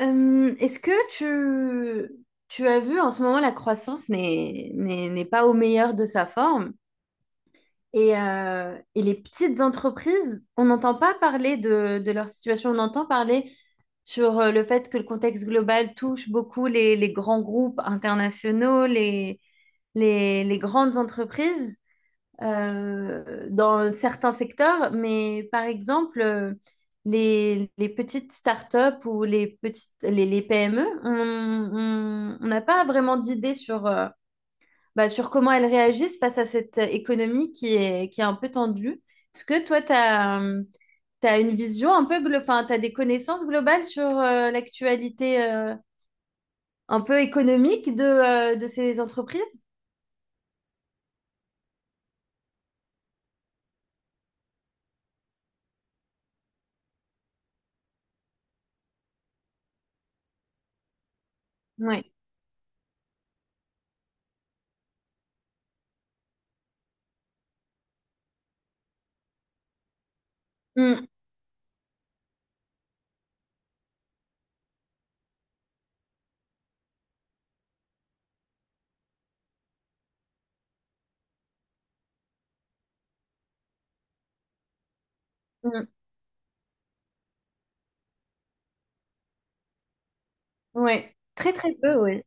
Est-ce que tu as vu en ce moment la croissance n'est pas au meilleur de sa forme et les petites entreprises, on n'entend pas parler de leur situation, on entend parler sur le fait que le contexte global touche beaucoup les grands groupes internationaux, les grandes entreprises, dans certains secteurs, mais par exemple, les petites startups ou les petites, les PME, on n'a pas vraiment d'idée sur, sur comment elles réagissent face à cette économie qui est un peu tendue. Est-ce que toi, une vision un peu, tu as des connaissances globales sur l'actualité un peu économique de ces entreprises? Oui. Mm, mm, ouais. Très, très peu, oui.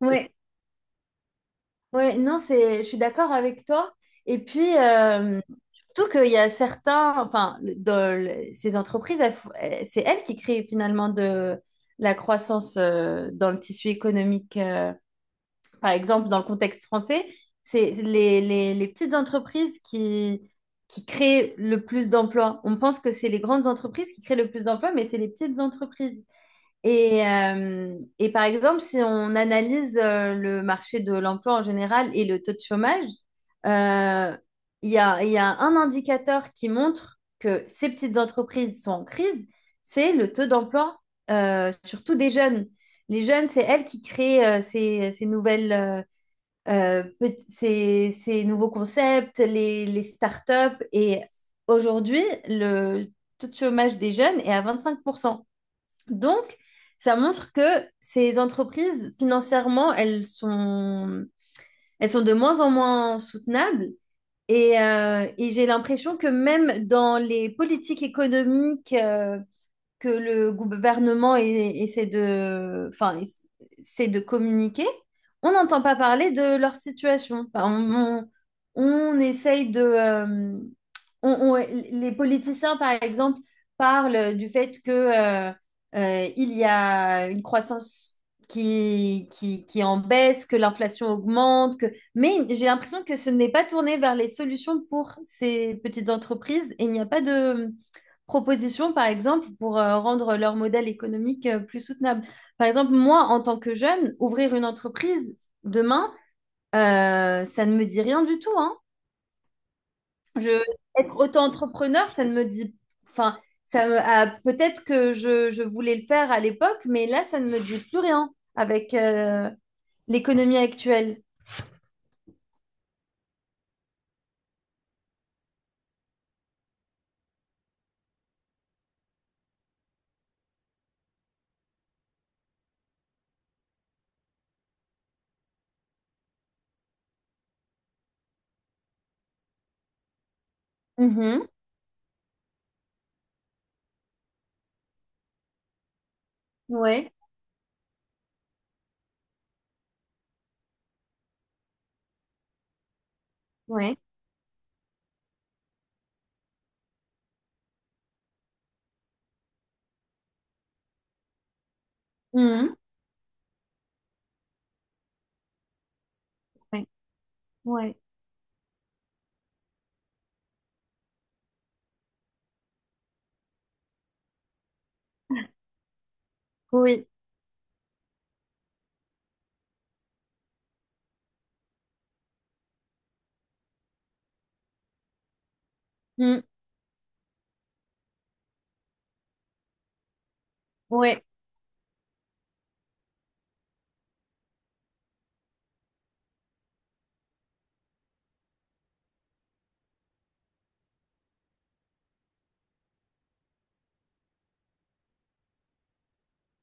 Oui. Ouais, non, je suis d'accord avec toi. Et puis, surtout qu'il y a certains, ces entreprises, c'est elles qui créent finalement de la croissance dans le tissu économique. Par exemple, dans le contexte français, c'est les petites entreprises qui créent le plus d'emplois. On pense que c'est les grandes entreprises qui créent le plus d'emplois, mais c'est les petites entreprises. Et par exemple, si on analyse le marché de l'emploi en général et le taux de chômage, euh, il y a un indicateur qui montre que ces petites entreprises sont en crise, c'est le taux d'emploi, surtout des jeunes. Les jeunes, c'est elles qui créent ces nouvelles, ces nouveaux concepts, les startups. Et aujourd'hui, le taux de chômage des jeunes est à 25. Donc, ça montre que ces entreprises, financièrement, elles sont de moins en moins soutenables. Et j'ai l'impression que même dans les politiques économiques que le gouvernement essaie de, enfin, essaie de communiquer, on n'entend pas parler de leur situation. Enfin, on essaye de... les politiciens, par exemple, parlent du fait que, il y a une croissance qui est en baisse, que l'inflation augmente, que... mais j'ai l'impression que ce n'est pas tourné vers les solutions pour ces petites entreprises et il n'y a pas de propositions, par exemple, pour rendre leur modèle économique plus soutenable. Par exemple, moi, en tant que jeune, ouvrir une entreprise demain, ça ne me dit rien du tout, hein. Je, Être auto-entrepreneur, ça ne me dit... Enfin, peut-être que je voulais le faire à l'époque, mais là, ça ne me dit plus rien avec l'économie actuelle. Mhm. Ouais, ouais. Mhm. Ouais. Ouais. Oui. Mhm. Ouais.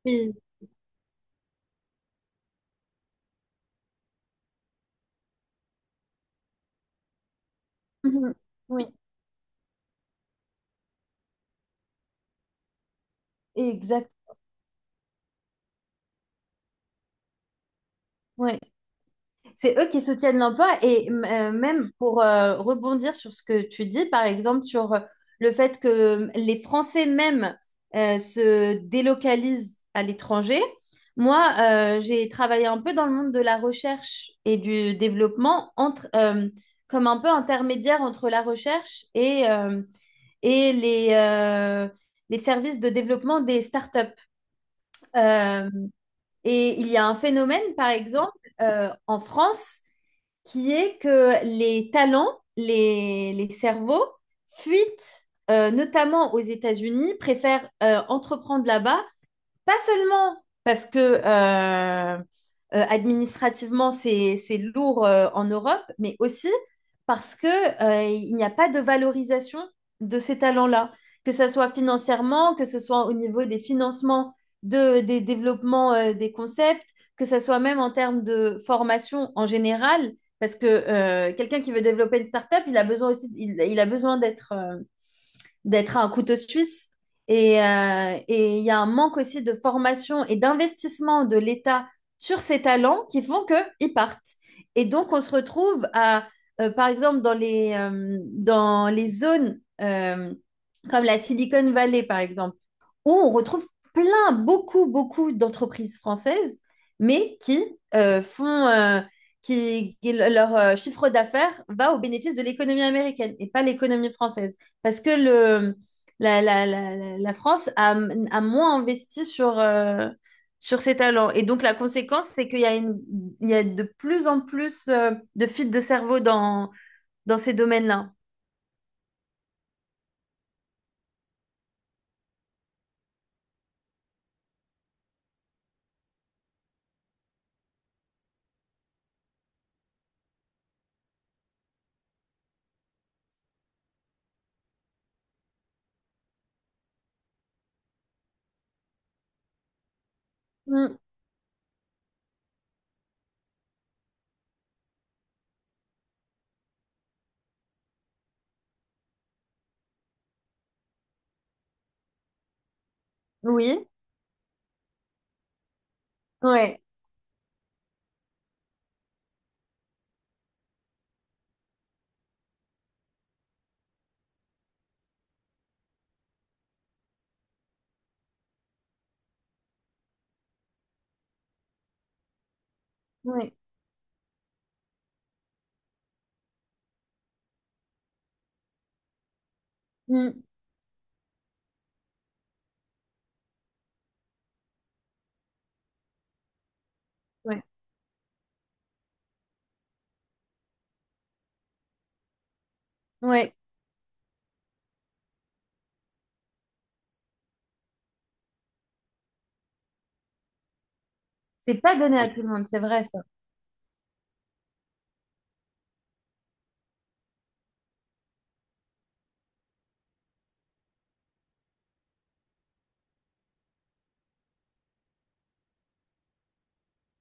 Oui. Mhm. Oui. Exact. Ouais. C'est eux qui soutiennent l'emploi et même pour rebondir sur ce que tu dis, par exemple sur le fait que les Français même se délocalisent à l'étranger. Moi, j'ai travaillé un peu dans le monde de la recherche et du développement comme un peu intermédiaire entre la recherche et les services de développement des startups. Euh, et il y a un phénomène, par exemple, en France, qui est que les talents, les cerveaux fuitent, notamment aux États-Unis, préfèrent entreprendre là-bas, pas seulement parce que administrativement, c'est lourd en Europe, mais aussi parce que, il n'y a pas de valorisation de ces talents-là, que ce soit financièrement, que ce soit au niveau des financements des développements des concepts, que ce soit même en termes de formation en général, parce que quelqu'un qui veut développer une startup, il a besoin d'être, d'être un couteau suisse. Et il y a un manque aussi de formation et d'investissement de l'État sur ces talents qui font qu'ils partent. Et donc, on se retrouve à, par exemple, dans dans les zones comme la Silicon Valley, par exemple, où on retrouve plein, beaucoup, beaucoup d'entreprises françaises, mais qui euh, font, euh, leur chiffre d'affaires va au bénéfice de l'économie américaine et pas l'économie française. Parce que le, la, la, la, la la France a, a moins investi sur ses talents. Et donc, la conséquence, c'est qu'il y a de plus en plus de fuites de cerveau dans ces domaines-là. Mm. Oui, ouais, ouais, Mm. ouais, ouais. C'est pas donné à Oui. tout le monde, c'est vrai ça.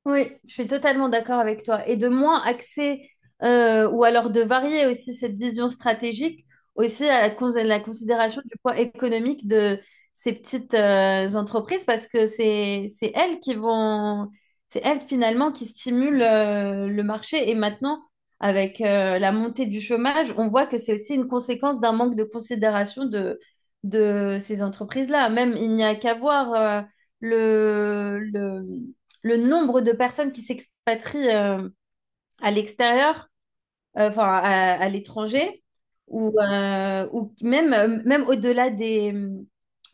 Oui, je suis totalement d'accord avec toi. Et de moins axer, ou alors de varier aussi cette vision stratégique, aussi à à la considération du poids économique de ces petites entreprises, parce que c'est elles qui vont, c'est elles finalement qui stimulent le marché. Et maintenant, avec la montée du chômage, on voit que c'est aussi une conséquence d'un manque de considération de ces entreprises-là. Même il n'y a qu'à voir. Le le nombre de personnes qui s'expatrient à l'extérieur, enfin à l'étranger, ou même au-delà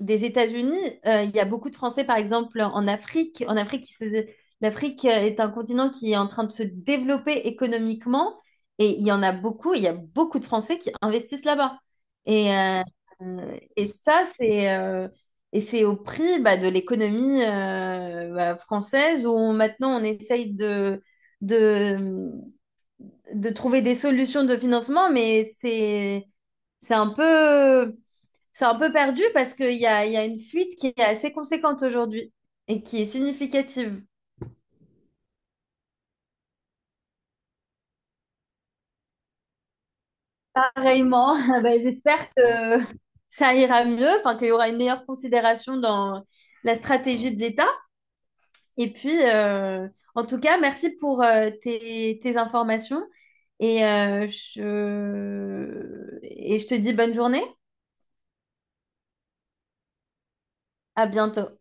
des États-Unis, il y a beaucoup de Français, par exemple, en Afrique. L'Afrique est un continent qui est en train de se développer économiquement, et il y a beaucoup de Français qui investissent là-bas. Et, euh, et ça, c'est et c'est au prix bah, de l'économie bah, française où maintenant on essaye de, de trouver des solutions de financement, mais c'est un peu c'est un peu perdu parce qu'il y a une fuite qui est assez conséquente aujourd'hui et qui est significative. Pareillement, ben, j'espère que ça ira mieux, enfin qu'il y aura une meilleure considération dans la stratégie de l'État. Et puis, en tout cas, merci pour tes informations et je te dis bonne journée. À bientôt.